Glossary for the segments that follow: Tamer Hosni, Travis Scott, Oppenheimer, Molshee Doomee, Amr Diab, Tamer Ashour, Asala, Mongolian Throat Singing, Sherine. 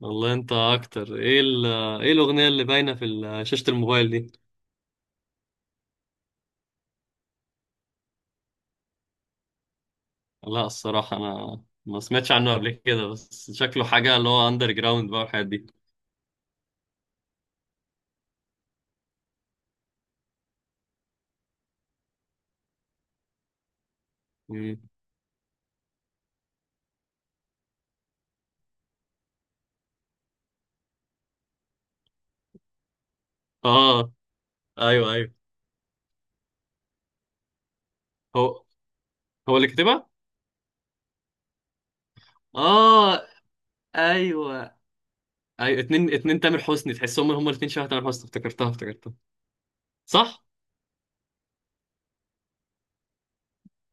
والله انت اكتر ايه الاغنيه اللي باينه في شاشه الموبايل دي. لا الصراحه انا ما سمعتش عنه قبل كده، بس شكله حاجه اللي هو اندر جراوند بقى والحاجات دي. مم. اه، ايوه ايوه. هو هو اللي كاتبها؟ اه ايوه. ايوه اتنين اتنين، تامر حسني تحسهم هما الاتنين شبه تامر حسني. افتكرتها افتكرتها. صح.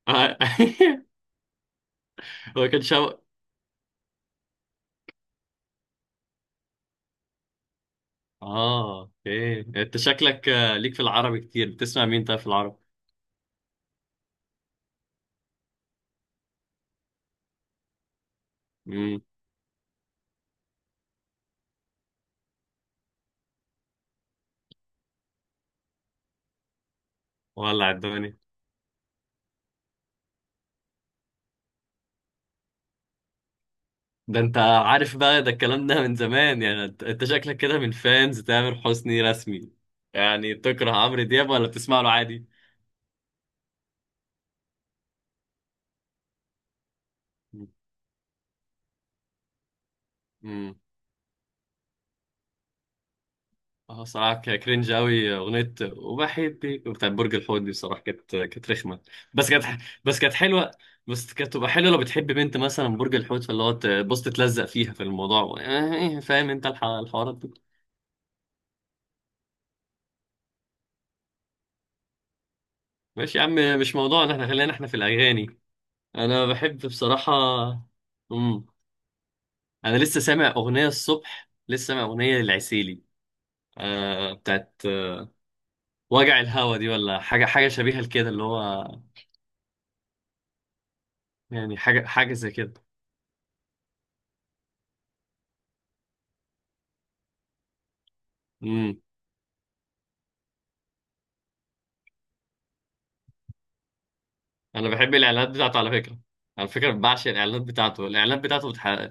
آه. هو كان شبه. اه اوكي، انت شكلك ليك في العربي كتير. بتسمع مين طيب في العربي؟ امم. ولع الدنيا؟ ده انت عارف بقى، ده الكلام ده من زمان يعني. انت شكلك كده من فانز تامر حسني رسمي. يعني تكره عمرو دياب ولا بتسمع له عادي؟ امم. اه صراحة كرنج قوي، اغنية وبحبك بتاعت برج الحوت دي بصراحة كانت رخمة. بس كانت بس كانت حلوة. بس كانت تبقى حلوة لو بتحب بنت مثلا برج الحوت، فاللي هو تبص تتلزق فيها في الموضوع، اه، فاهم انت الحوارات دي. ماشي يا عم، مش موضوعنا، احنا خلينا احنا في الاغاني. انا بحب بصراحة. امم. انا لسه سامع اغنيه الصبح، لسه سامع اغنيه للعسيلي. بتاعت وجع الهوا دي، ولا حاجه حاجه شبيهه لكده، اللي هو يعني حاجه حاجه زي كده. امم. انا بحب الاعلانات بتاعته على فكره بعشق الاعلانات بتاعته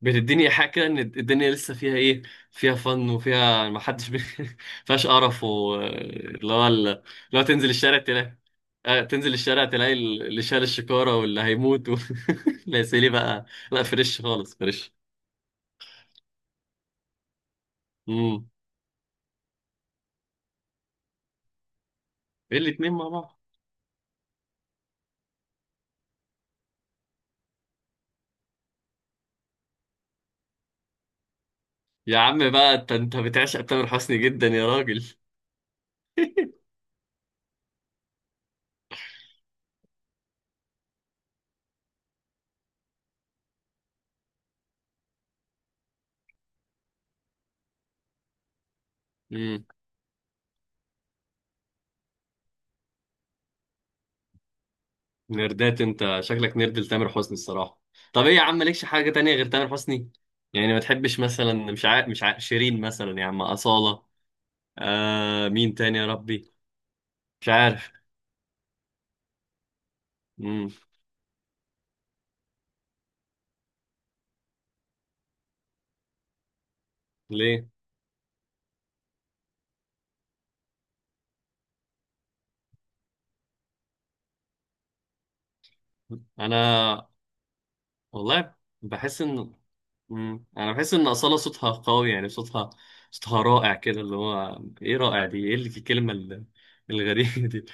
بتديني حاجه كده ان الدنيا لسه فيها ايه، فيها فن وفيها ما حدش فيهاش قرف اللي هو اللي هو تنزل الشارع تلاقي، تنزل الشارع تلاقي اللي شال الشكارة واللي هيموت لا يا سيدي بقى، لا فريش خالص، فريش. امم. ايه، الاتنين مع بعض؟ يا عم بقى، انت انت بتعشق تامر حسني جدا يا راجل. امم. نردات، انت شكلك نرد لتامر حسني الصراحه. طب ايه يا عم، مالكش حاجه تانية غير تامر حسني؟ يعني ما تحبش مثلا، مش عارف شيرين مثلا يا عم، اصاله. مين تاني يا ربي؟ مش عارف. امم. ليه؟ انا والله بحس ان انا بحس ان اصاله صوتها قوي، يعني صوتها رائع كده، اللي هو ايه، رائع دي ايه، اللي في الكلمه الغريبه دي.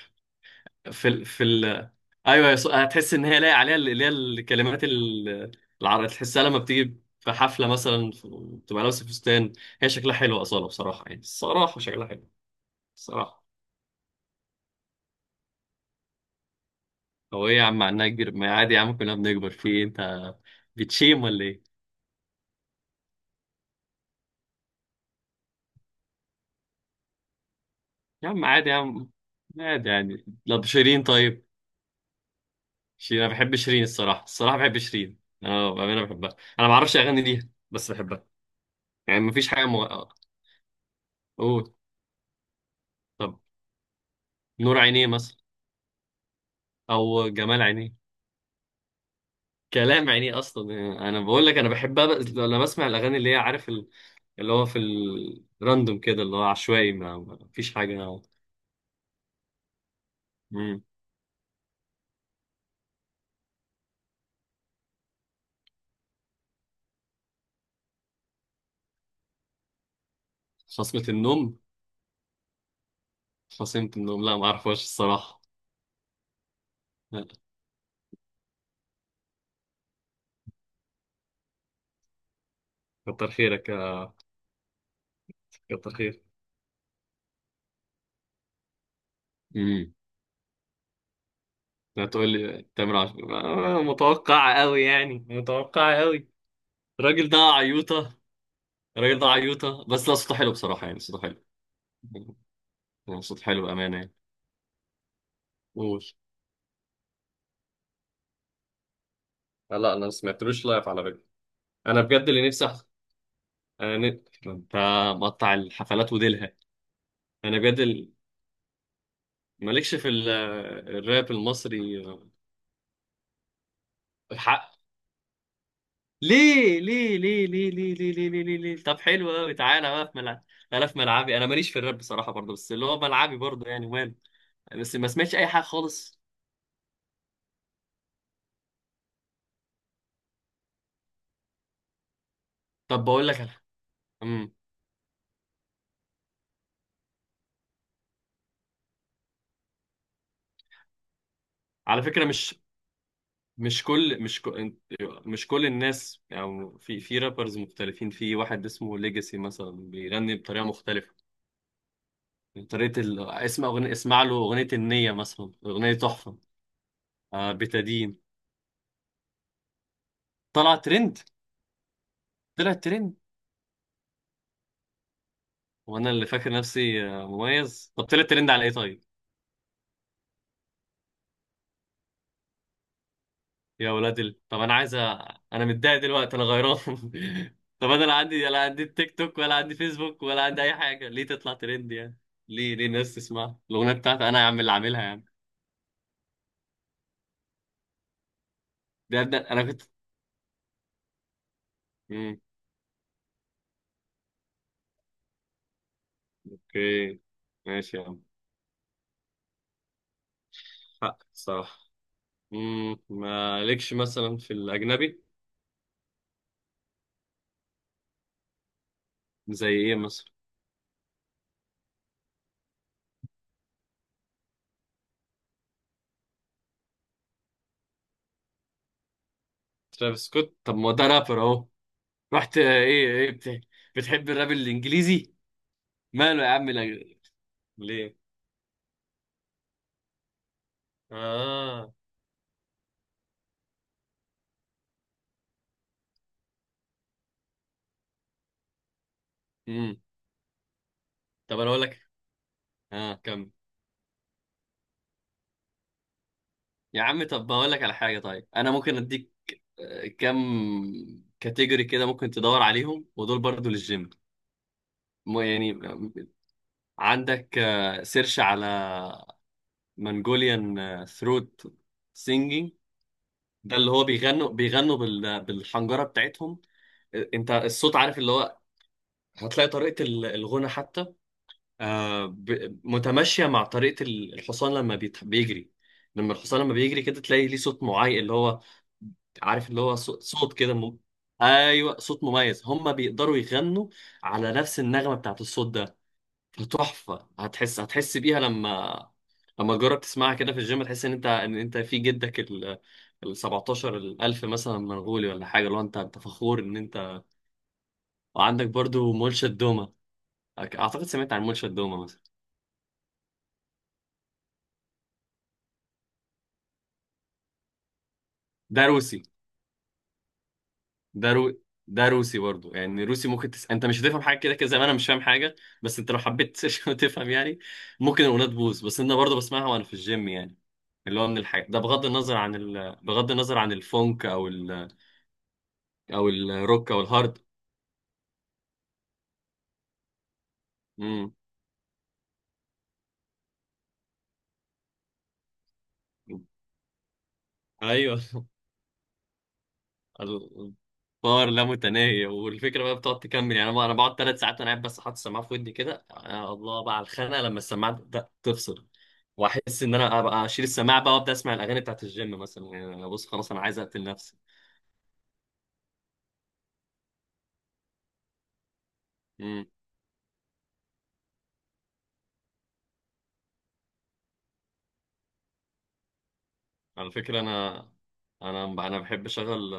في ال... في ال... ايوه هتحس ان هي لايق عليها، اللي هي الكلمات العربية. تحسها لما بتيجي في حفله مثلا، بتبقى لابسه فستان. هي شكلها حلو اصاله بصراحه، يعني الصراحه شكلها حلو، الصراحه. هو ايه يا عم، عنها كبير؟ ما عادي يا عم، كلنا بنكبر. في ايه انت، بتشيم ولا ايه؟ يا عم عادي يا عم، عادي يعني. طب شيرين طيب؟ شيرين انا بحب شيرين الصراحه، الصراحه بحب شيرين. انا بامانه بحبها، انا ما اعرفش اغاني ليها بس بحبها. يعني مفيش حاجه قول. طب، نور عينيه مثلا؟ او جمال عينيه؟ كلام عينيه اصلا، يعني انا بقول لك، انا بحب لما بسمع الاغاني اللي هي، عارف، اللي هو في الراندوم كده، اللي هو عشوائي، ما فيش حاجه. امم. خصمة النوم؟ خصمة النوم لا، ما اعرفهاش الصراحه. لا. كتر خيرك يا. كتر خير. امم. لا تقول لي تامر عاشور. آه، متوقعه قوي، يعني متوقعه قوي. الراجل ده عيوطه. الراجل ده عيوطه، بس لا صوته حلو بصراحه، يعني صوته حلو. مم. صوته حلو بامانه يعني. قول. لا لا، انا ما سمعتلوش لايف على فكره. انا بجد اللي نفسي أنا انت مقطع الحفلات وديلها. انا بجد مالكش الراب المصري؟ الحق! ليه ليه ليه ليه ليه ليه ليه ليه، ليه؟ ليه؟ طب حلو قوي، تعالى بقى في ملعب. انا في ملعبي، انا ماليش في الراب بصراحه برضه، بس اللي هو ملعبي برضه، يعني وماله. بس ما سمعتش اي حاجه خالص. طب بقول لك على، امم، على فكره، مش كل مش كل مش كل الناس، يعني في في رابرز مختلفين، في واحد اسمه ليجاسي مثلا بيغني بطريقه مختلفه. طريقة اسم أغنية، اسمع له أغنية النية مثلا، أغنية تحفة. آه بتدين. طلع ترند؟ طلع ترند. وأنا اللي فاكر نفسي مميز. طب طلع ترند على إيه طيب؟ يا ولاد طب أنا عايز أنا متضايق دلوقتي، أنا غيران. طب أنا لا عندي، لا عندي التيك توك، ولا عندي فيسبوك، ولا عندي أي حاجة. ليه تطلع ترند يعني؟ ليه ليه الناس تسمعها الأغنية بتاعتي أنا يا عم اللي عاملها يعني. ده أبدأ، أنا كنت. مم. أوكي. ماشي يا عم. حق صح. مم. مالكش مثلا في الأجنبي؟ زي إيه مثلا؟ ترافيس سكوت؟ طب ما هو ده رابر اهو. رحت ايه بتحب الراب الانجليزي؟ ماله يا عم الأج-. ليه؟ اه. امم. طب انا اقول لك. اه كم. يا عم طب بقول لك على حاجه طيب، انا ممكن اديك كم كاتيجوري كده، ممكن تدور عليهم، ودول برضو للجيم. يعني عندك سيرش على منجوليان ثروت سينجينج. ده اللي هو بيغنوا، بيغنوا بالحنجره بتاعتهم. آه، انت الصوت عارف اللي هو. هتلاقي طريقة الغنى حتى، متماشية مع طريقة الحصان لما بيجري. لما الحصان لما بيجري كده تلاقي ليه صوت معين، اللي هو، عارف، اللي هو صوت كده ايوه صوت مميز. هما بيقدروا يغنوا على نفس النغمة بتاعت الصوت ده. فتحفة، هتحس بيها لما تجرب تسمعها كده في الجيم، تحس ان انت في جدك ال 17 الألف مثلا، منغولي ولا حاجة، لو انت فخور ان انت. وعندك برضو مولشة دومة. اعتقد سمعت عن مولشة دومة؟ ده روسي. ده رو... ده روسي برضو يعني. روسي، ممكن انت مش هتفهم حاجه كده كده، زي ما انا مش فاهم حاجه. بس انت لو حبيت تفهم يعني ممكن الاغنيه تبوظ، بس انا برضو بسمعها وانا في الجيم يعني. اللي هو من الحاجات ده، بغض النظر عن الفونك، او او الروك، او الهارد. امم. ايوه. الباور لا متناهي، والفكره بقى بتقعد تكمل، يعني انا بقعد 3 ساعات انا قاعد بس حاطط السماعه في ودني كده. يا الله بقى على الخناقه لما السماعه تبدا تفصل، واحس ان انا ابقى اشيل السماعه بقى وابدا اسمع الاغاني بتاعت الجيم مثلا، يعني أنا بص خلاص انا عايز اقتل نفسي. على فكرة، أنا، أنا بحب أشغل،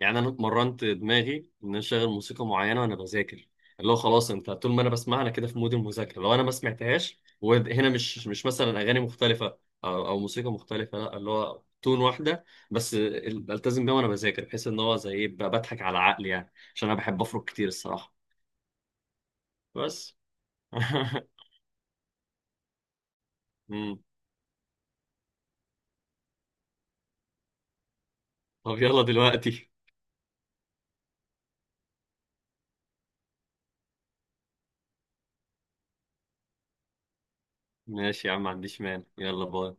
يعني أنا اتمرنت دماغي إن أنا أشغل موسيقى معينة وأنا بذاكر، اللي هو خلاص أنت طول ما أنا بسمعها أنا كده في مود المذاكرة. لو أنا ما سمعتهاش، وهنا مش مثلا أغاني مختلفة أو موسيقى مختلفة، لا اللي هو تون واحدة بس بلتزم بيها وأنا بذاكر، بحيث إن هو زي إيه بقى، بضحك على عقلي يعني، عشان أنا بحب أفرك كتير الصراحة. بس. مم. طب يلا دلوقتي. ماشي يا عم، ما عنديش مانع. يلا باي.